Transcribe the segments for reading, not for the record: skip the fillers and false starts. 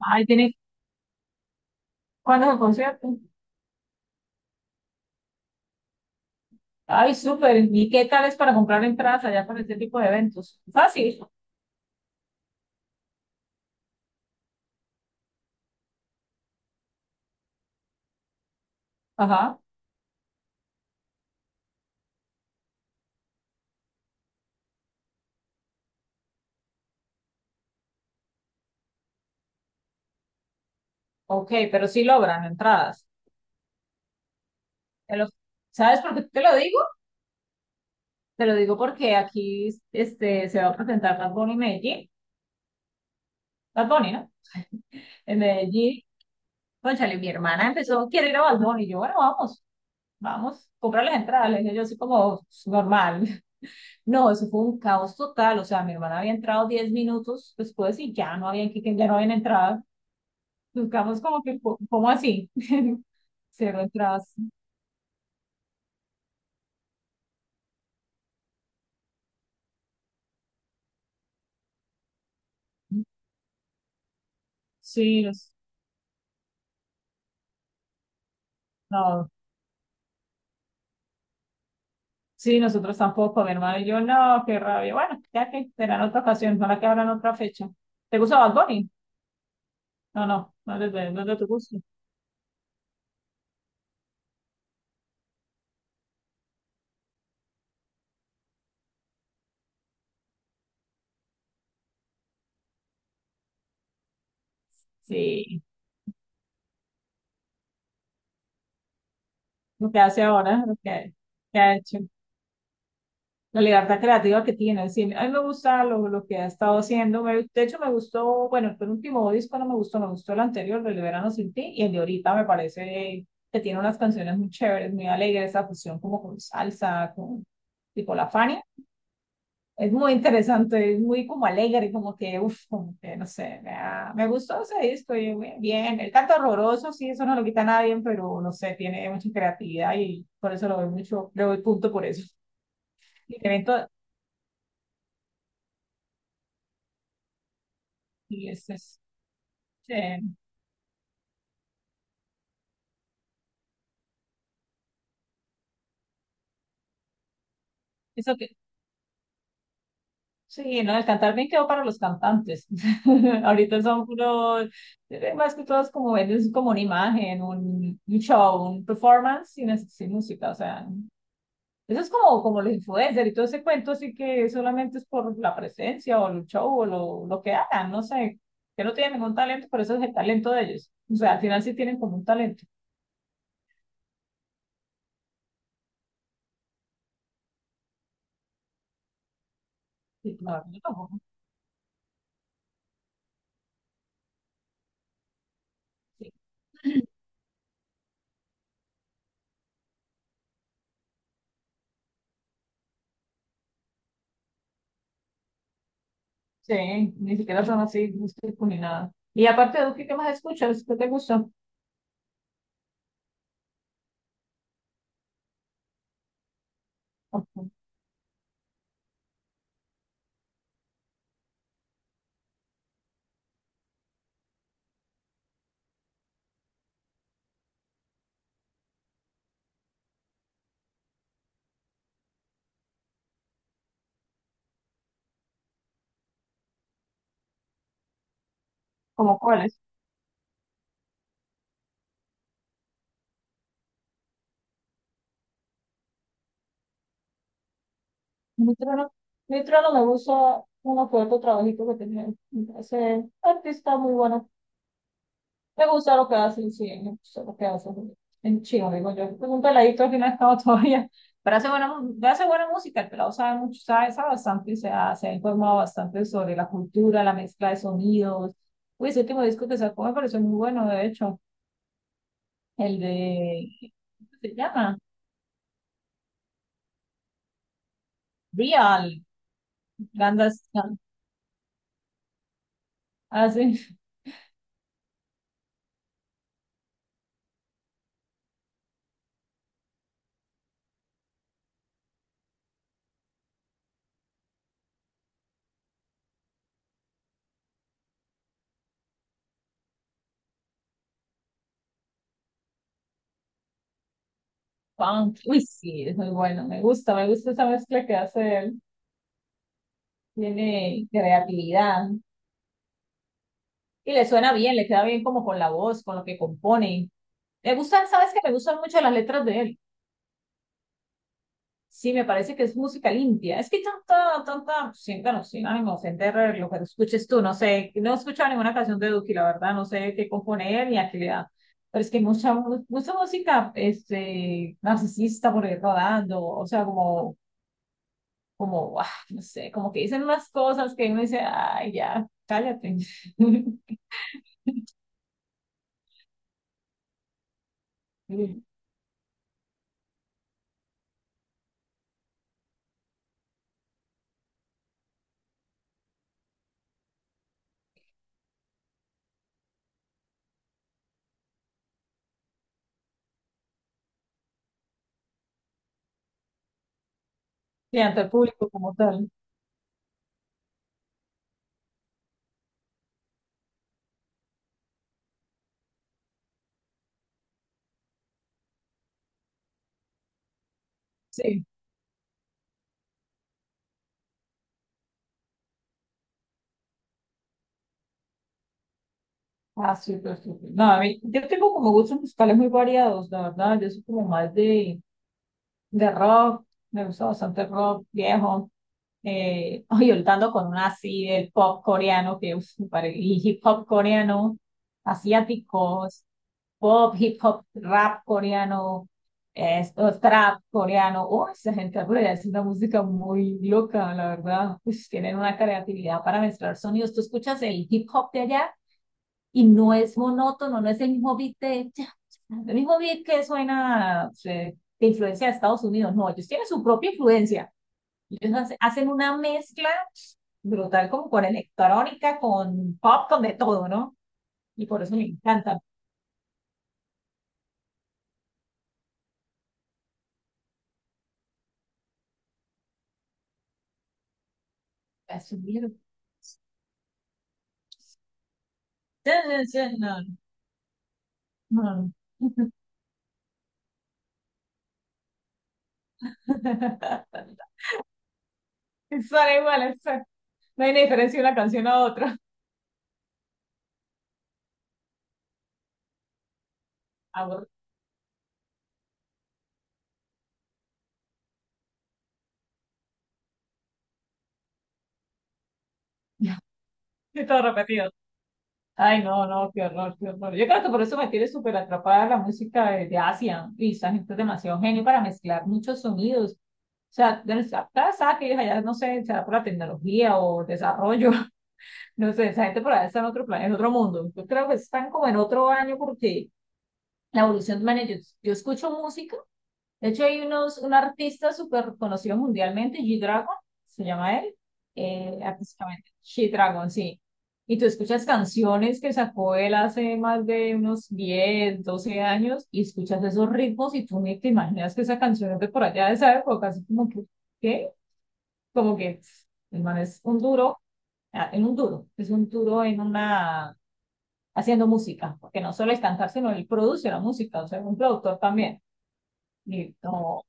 Ay, ¿tiene cuándo es el concierto? Ay, súper. ¿Y qué tal es para comprar entradas allá para este tipo de eventos? Fácil. Ajá. Ok, pero sí logran entradas. Te lo- ¿Sabes por qué te lo digo? Te lo digo porque aquí este, se va a presentar Bad Bunny en Medellín. Bad Bunny, ¿no? En Medellín. Cónchale, mi hermana empezó, quiere ir a Bad Bunny. Y yo, bueno, vamos, vamos, comprar las entradas. Le dije yo así como normal. No, eso fue un caos total. O sea, mi hermana había entrado 10 minutos después y ya no habían entrado. Buscamos como que, ¿cómo así? Cero atrás. Sí, los- no. Sí, nosotros tampoco, mi hermano y yo, no, qué rabia. Bueno, ya que será en otra ocasión, para que habrá en otra fecha. ¿Te gusta Bad Bunny? No, no, no es de tu gusto. Sí, lo que hace ahora, que ha hecho. La libertad creativa que tiene. Sí, a mí me gusta lo que ha estado haciendo. De hecho, me gustó, bueno, el último disco no me gustó, me gustó el anterior, el de Verano Sin Ti, y el de ahorita me parece que tiene unas canciones muy chéveres, muy alegres, esa fusión como con salsa, con tipo la Fania. Es muy interesante, es muy como alegre, como que, no sé, me gustó ese disco, y yo, bien, bien. El canto horroroso, sí, eso no lo quita a nadie, pero no sé, tiene mucha creatividad y por eso lo doy mucho, le doy punto por eso. El evento. Sí, eso que, sí, no, el cantar bien quedó para los cantantes. Ahorita son puros, más que todos como es como una imagen, un show, un performance sin música, o sea, eso es como los influencers y todo ese cuento, así que solamente es por la presencia o el show o lo que hagan, no sé, que no tienen ningún talento, pero eso es el talento de ellos. O sea, al final sí tienen como un talento. Sí, claro yo tampoco. Sí, sí, ni siquiera son así músicos ni nada. Y aparte de Duque, ¿qué más escuchas? ¿Qué te gusta? Ok. ¿Como cuáles? Neutrono, Neutrono me gusta uno que otro trabajito que tiene. Ese artista muy bueno. Me gusta lo que hace, sí, me gusta lo que hace. En chino, digo yo. Es un peladito que no ha estado todavía. Pero hace buena música, el pelado sabe mucho, sabe bastante, se ha informado bastante sobre la cultura, la mezcla de sonidos. Uy, ese último disco que sacó me pareció muy bueno, de hecho. El de, ¿cómo se llama? Real. Gandas. Hace funk. Uy, sí, es muy bueno. Me gusta esa mezcla que hace él. Tiene creatividad. Y le suena bien, le queda bien como con la voz, con lo que compone. Me gustan, sabes que me gustan mucho las letras de él. Sí, me parece que es música limpia. Es que tanta, tanta, siéntanos, sin ánimo, sin terror, lo que escuches tú, no sé, no he escuchado ninguna canción de Duki, la verdad, no sé qué compone él ni a qué le da. Pero es que mucha música, este, narcisista por ahí rodando, o sea, como, guau, no sé, como que dicen unas cosas que uno dice, ay, ya, cállate. Sí, ante el público como tal. Sí. Ah, súper, súper. No, a mí, yo tengo como gustos musicales muy variados, la verdad. Yo soy como más de rock, me gusta bastante rock viejo. Oye, ahorita ando con una así del pop coreano, que uf, y hip hop coreano, asiáticos, pop, hip hop, rap coreano, esto, trap coreano. Uy, esa gente rueda, es una música muy loca, la verdad. Pues tienen una creatividad para mezclar sonidos. ¿Tú escuchas el hip hop de allá? Y no es monótono, no es el mismo beat que suena de influencia de Estados Unidos, no, ellos tienen su propia influencia, ellos hacen una mezcla brutal como con electrónica, con pop, con de todo, ¿no? Y por eso me encanta. Asumir. No, no, no. Suena igual, no hay ni diferencia de una canción a otra. Aburrido, todo repetido. Ay, no, no, qué horror, qué horror. Yo creo que por eso me tiene súper atrapada la música de Asia. Y esa gente es demasiado genio para mezclar muchos sonidos. O sea, de nuestra casa, que ellos allá, no sé, será por la tecnología o desarrollo, no sé, esa gente por allá está en otro plan, en otro mundo. Yo creo que están como en otro año porque la evolución, man, yo, escucho música de hecho, hay un artista súper conocido mundialmente, G-Dragon, se llama él, artísticamente, G-Dragon, sí. Y tú escuchas canciones que sacó él hace más de unos 10 12 años y escuchas esos ritmos y tú ni te imaginas que esa canción es de por allá de esa época, así como que, ¿qué? Como que pff, el man es un duro, ah, en un duro, es un duro en una, haciendo música, porque no solo es cantar, sino él produce la música, o sea, es un productor también. Y no.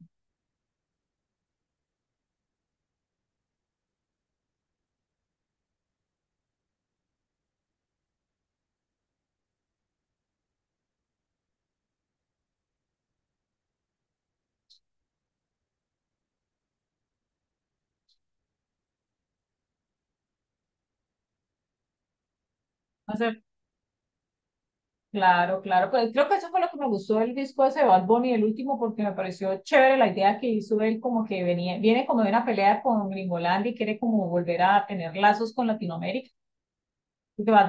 Claro, claro, pues creo que eso fue lo que me gustó del disco ese de Bad Bunny, el último, porque me pareció chévere la idea que hizo él, como que viene como de una pelea con Gringolandia y quiere como volver a tener lazos con Latinoamérica. Porque Bad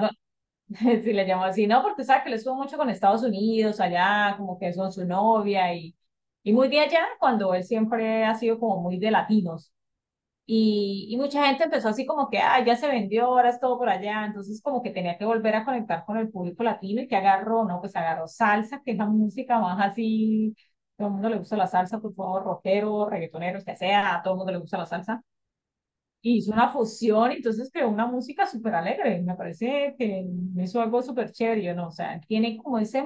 Bunny, si le llamo así, no, porque sabe que le estuvo mucho con Estados Unidos, allá, como que son su novia y, muy de allá, cuando él siempre ha sido como muy de latinos. Y mucha gente empezó así como que, ah, ya se vendió, ahora es todo por allá. Entonces como que tenía que volver a conectar con el público latino y que agarró, ¿no? Pues agarró salsa, que es la música más así, todo el mundo le gusta la salsa, por favor, rockero, reggaetonero, que sea, a todo el mundo le gusta la salsa. Y hizo una fusión, entonces creó una música súper alegre. Me parece que hizo algo súper chévere, yo no, o sea, tiene como ese,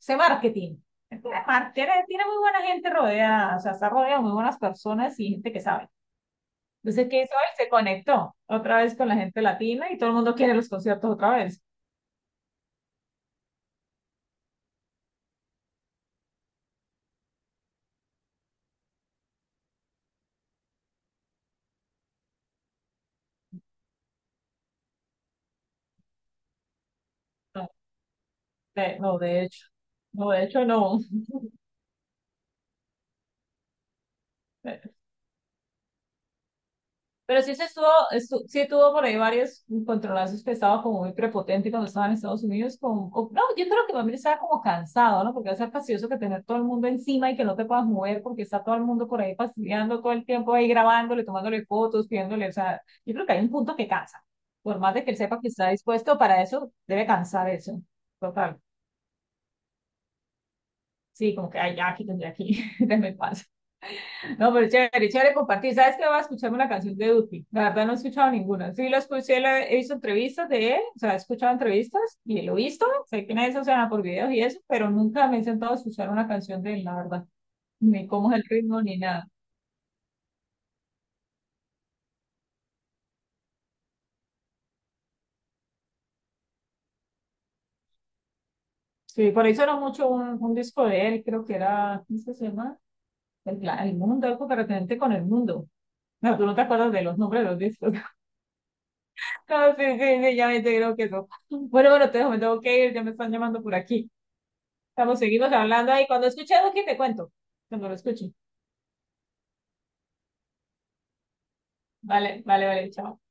ese marketing. Tiene, mar- tiene tiene muy buena gente rodeada, o sea, está rodeado de muy buenas personas y gente que sabe. Entonces, ¿qué hizo él? Se conectó otra vez con la gente latina y todo el mundo quiere los conciertos otra vez. No, no, de hecho, no, de hecho no. Pero sí tuvo por ahí varios controlazos que estaba como muy prepotente cuando estaba en Estados Unidos. No, yo creo que también estaba como cansado, ¿no? Porque es fastidioso que tener todo el mundo encima y que no te puedas mover porque está todo el mundo por ahí fastidiando todo el tiempo ahí grabándole, tomándole fotos, pidiéndole. O sea, yo creo que hay un punto que cansa. Por más de que él sepa que está dispuesto para eso, debe cansar eso. Total. Sí, como que ay, ya aquí tendré aquí, déjame paso. No, pero chévere, chévere compartir. ¿Sabes qué? Voy a escucharme una canción de Duki. La verdad no he escuchado ninguna. Sí, lo escuché, lo he visto entrevistas de él, o sea, he escuchado entrevistas y lo he visto. Sé quién es, o sea, por videos y eso, pero nunca me he sentado a escuchar una canción de él, la verdad. Ni cómo es el ritmo ni nada. Sí, por eso era mucho un disco de él, creo que era, ¿cómo se llama? El el mundo, algo que referente con el mundo. No, tú no te acuerdas de los nombres de los discos. Ah, sí, sí, sí, ya me creo que eso. Bueno, bueno, te dejo, me tengo que ir, ya me están llamando por aquí. Estamos, seguimos hablando ahí. Cuando escuche algo, que te cuento. Cuando lo escuche. Vale, vale, vale, chao.